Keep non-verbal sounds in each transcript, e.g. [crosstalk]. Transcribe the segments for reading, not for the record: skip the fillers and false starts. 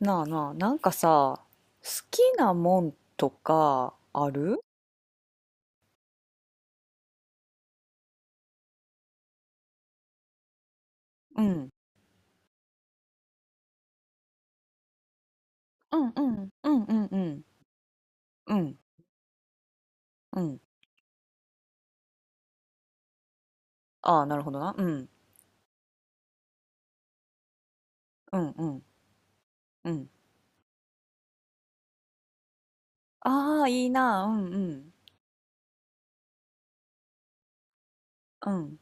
なあなあ、なんかさ、好きなもんとかある？うん。うんうんうんうんうんうん。うん。ああー、なるほどな。うん。うんうんうん。ああー、いいな。うんうんうん。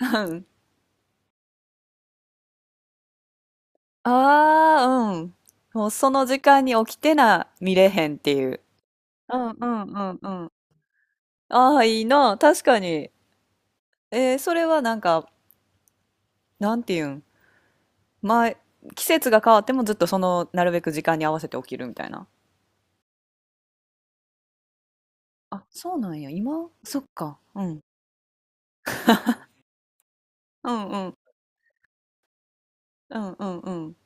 うん [laughs] ああー、うん。もうその時間に起きてな、見れへんっていう。うんうんうんうん。ああー、いいな。確かに。えーそれはなんか、なんていうん。前、季節が変わってもずっとその、なるべく時間に合わせて起きるみたいな。あ、そうなんや、今そっか、うん。うんうん。うんうんうん。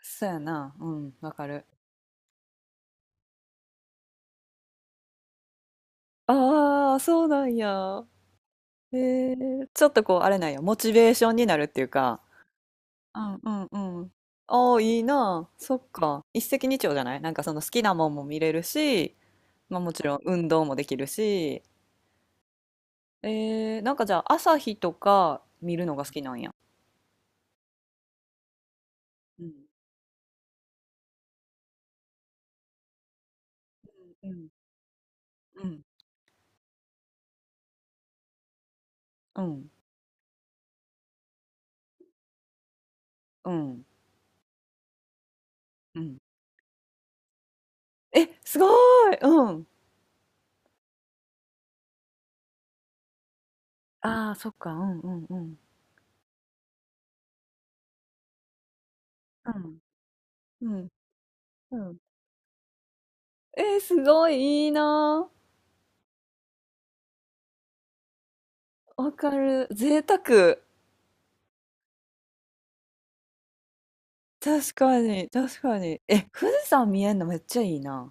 そうやな。うん、わかる。ああ、そうなんや。ちょっとこう、あれなんや、モチベーションになるっていうか、うんうんうん。ああ、いいなそっか。一石二鳥じゃない？なんかその好きなもんも見れるし、まあもちろん運動もできるし、なんかじゃあ朝日とか見るのが好きなんや。うんうんうんうんうんうん。え、すごい。うん。ああ、そっか、うんうんうん。うん、うん、うん。すごいいいなー。わかる。贅沢。確かに、確かに。え、富士山見えんのめっちゃいいな。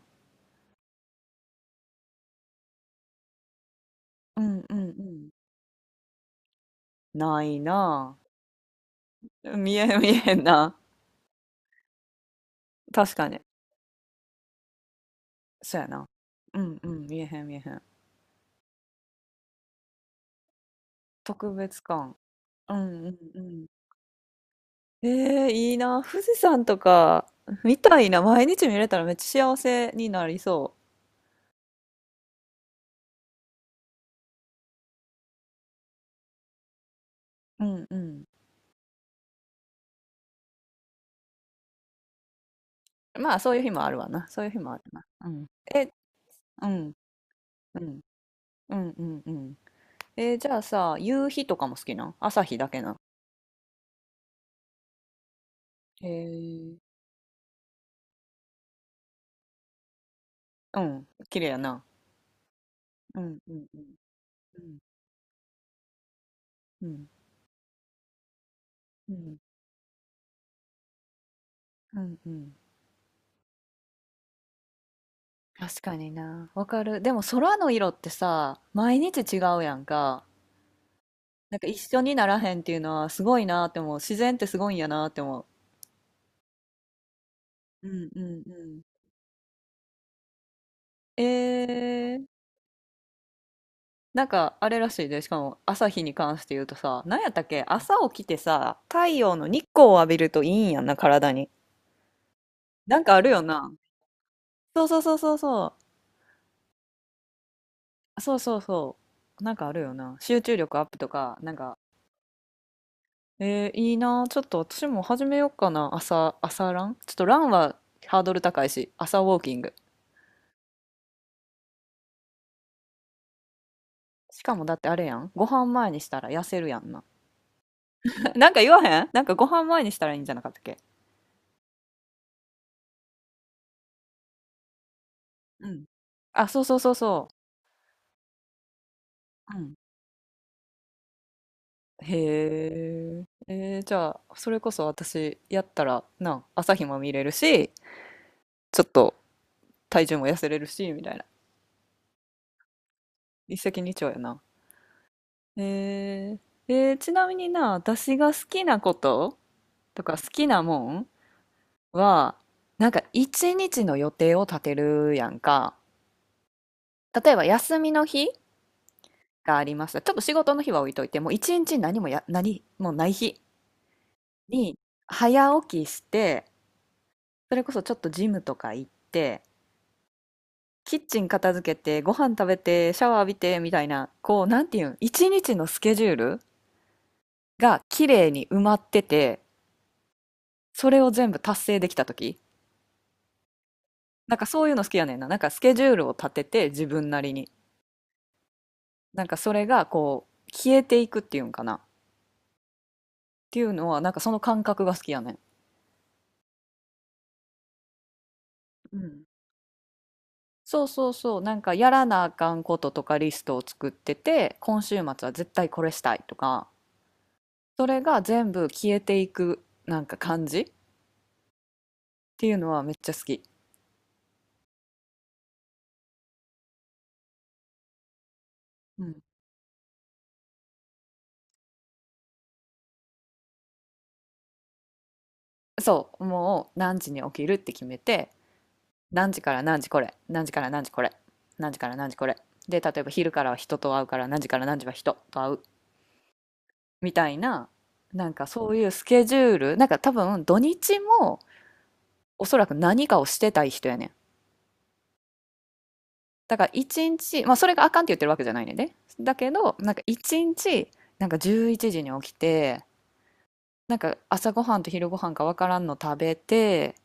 うんうんうん。ないなあ。見えん、見えへんな。確かに。そうやな。うんうん、見えへん、見えへん。特別感。うんうんうん。いいな。富士山とか、見たいな。毎日見れたらめっちゃ幸せになりそう。うんうん。まあ、そういう日もあるわな。そういう日もあるな。うん。え、うん、うん、うん、うん、うん。えーじゃあさ、夕日とかも好きなん？朝日だけなん？へえ。うん、綺麗やな。うん、うん、うん、うん、うん、うん、うん。確かにな。わかる。でも空の色ってさ、毎日違うやんか。なんか一緒にならへんっていうのはすごいなって思う。自然ってすごいんやなって思う。うん、うん、うん。え、なんかあれらしいで、しかも朝日に関して言うとさ、なんやったっけ、朝起きてさ、太陽の日光を浴びるといいんやんな、体に。なんかあるよな。そうそうそうそうそう。そうそうそう。なんかあるよな。集中力アップとか、なんか、いいな。ちょっと私も始めようかな。朝、朝ランちょっとランはハードル高いし、朝ウォーキング。しかもだってあれやん。ご飯前にしたら痩せるやんな。[laughs] なんか言わへん？なんかご飯前にしたらいいんじゃなかったっけ？うん。あ、そうそうそうそう。うん。へえ、じゃあそれこそ私やったらな、朝日も見れるしちょっと体重も痩せれるしみたいな。一石二鳥やな。えちなみにな、私が好きなこととか好きなもんは、なんか一日の予定を立てるやんか。例えば休みの日がありました、ちょっと仕事の日は置いといて、もう一日何もない日に早起きして、それこそちょっとジムとか行って、キッチン片付けて、ご飯食べて、シャワー浴びて、みたいな、こう、なんていうん、一日のスケジュールが綺麗に埋まってて、それを全部達成できた時、なんかそういうの好きやねんな。なんかスケジュールを立てて、自分なりに。なんかそれが、こう、消えていくっていうんかな。っていうのは、なんかその感覚が好きやねん。うん。そうそうそう、なんかやらなあかんこととかリストを作ってて、今週末は絶対これしたいとか、それが全部消えていくなんか感じっていうのはめっちゃ好き。うん、そう、もう何時に起きるって決めて、何時から何時これ、何時から何時これ、何時から何時これ。で、例えば昼からは人と会うから、何時から何時は人と会うみたいな、なんかそういうスケジュール、なんか多分土日もおそらく何かをしてたい人やねん。だから一日、まあそれがあかんって言ってるわけじゃないねんで。だけど、なんか一日、なんか11時に起きて、なんか朝ごはんと昼ごはんかわからんの食べて、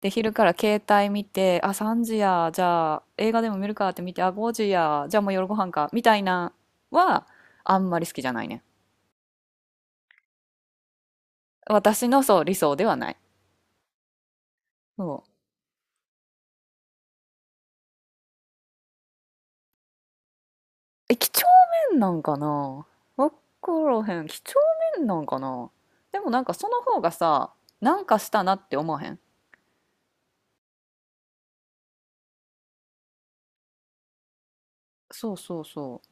で、昼から携帯見て、あ、3時や、じゃあ映画でも見るかって見て、あ、5時や、じゃあもう夜ご飯か、みたいなは、あんまり好きじゃないね。私のそう、理想ではない。そう。え、几帳面なんかな？わからへん。几帳面なんかな？でもなんかその方がさ、なんかしたなって思わへん？そうそうそう。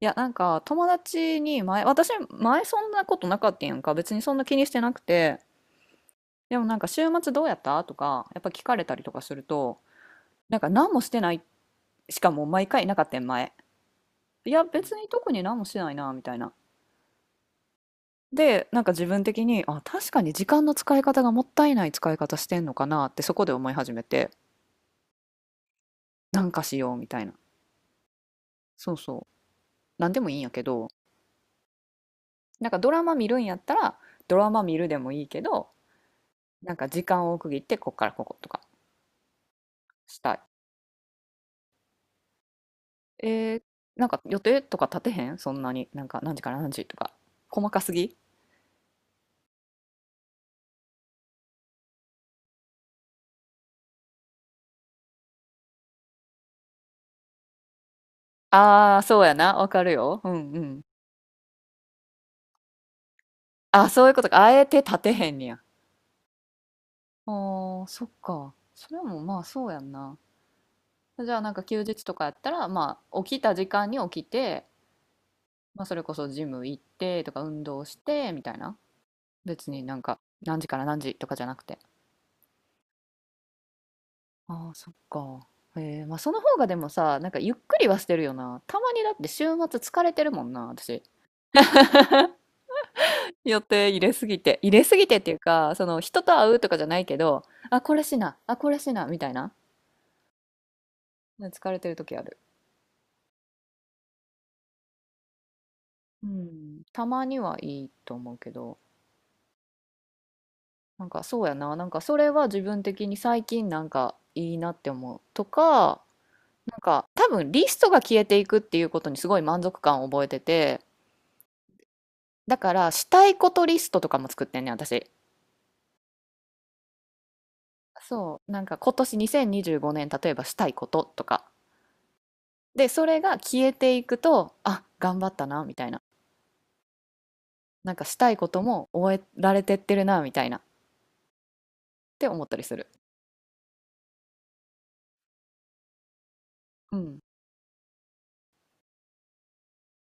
いや、なんか友達に前、私前そんなことなかったんやんか。別にそんな気にしてなくて。でもなんか週末どうやったとか、やっぱ聞かれたりとかすると、なんか何もしてない、しかも毎回なかったん、前。いや、別に特に何もしてないな、みたいな。で、なんか自分的に、あ、確かに時間の使い方がもったいない使い方してんのかなってそこで思い始めて、なんかしようみたいな。そうそう。なんでもいいんやけど、なんかドラマ見るんやったら、ドラマ見るでもいいけど、なんか時間を区切って、こっからこことかしたい。えー、なんか予定とか立てへん、そんなに？なんか何時から何時とか。細かすぎ。ああー、そうやな。わかるよ。うんうん。あ、そういうことか。あえて立てへんねや。あー、そっか。それもまあそうやんな。じゃあなんか休日とかやったら、まあ起きた時間に起きて、まあそれこそジム行ってとか運動してみたいな。別になんか何時から何時とかじゃなくて。ああ、そっか。へえ、まあその方がでもさ、なんかゆっくりはしてるよな。たまにだって週末疲れてるもんな、私。予定入れすぎて。入れすぎてっていうか、その人と会うとかじゃないけど、あ、これしな、あ、これしな、みたいな。疲れてる時ある。うん、たまにはいいと思うけど、なんかそうやな、なんかそれは自分的に最近なんかいいなって思うとか、なんか多分リストが消えていくっていうことにすごい満足感を覚えてて、だからしたいことリストとかも作ってんねん、私。そう、なんか今年2025年例えばしたいこととか。で、それが消えていくと、あ、頑張ったな、みたいな。なんかしたいことも終えられてってるな、みたいなって思ったりする。うん。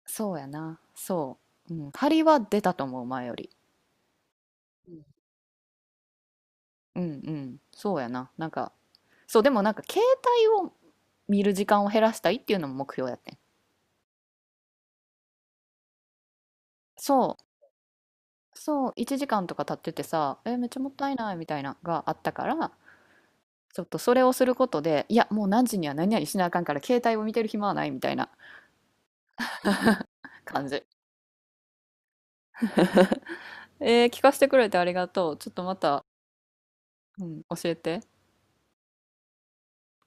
そうやな。そう。うん。張りは出たと思う、前より。うん、うんうんそうやな。なんか、そう、でもなんか、携帯を見る時間を減らしたいっていうのも目標やってん。そう。そう、1時間とか経っててさ、え、めっちゃもったいないみたいなのがあったから、ちょっとそれをすることで、いや、もう何時には何々しなあかんから、携帯を見てる暇はないみたいな感じ。聞かせてくれてありがとう。ちょっとまた、うん、教えて。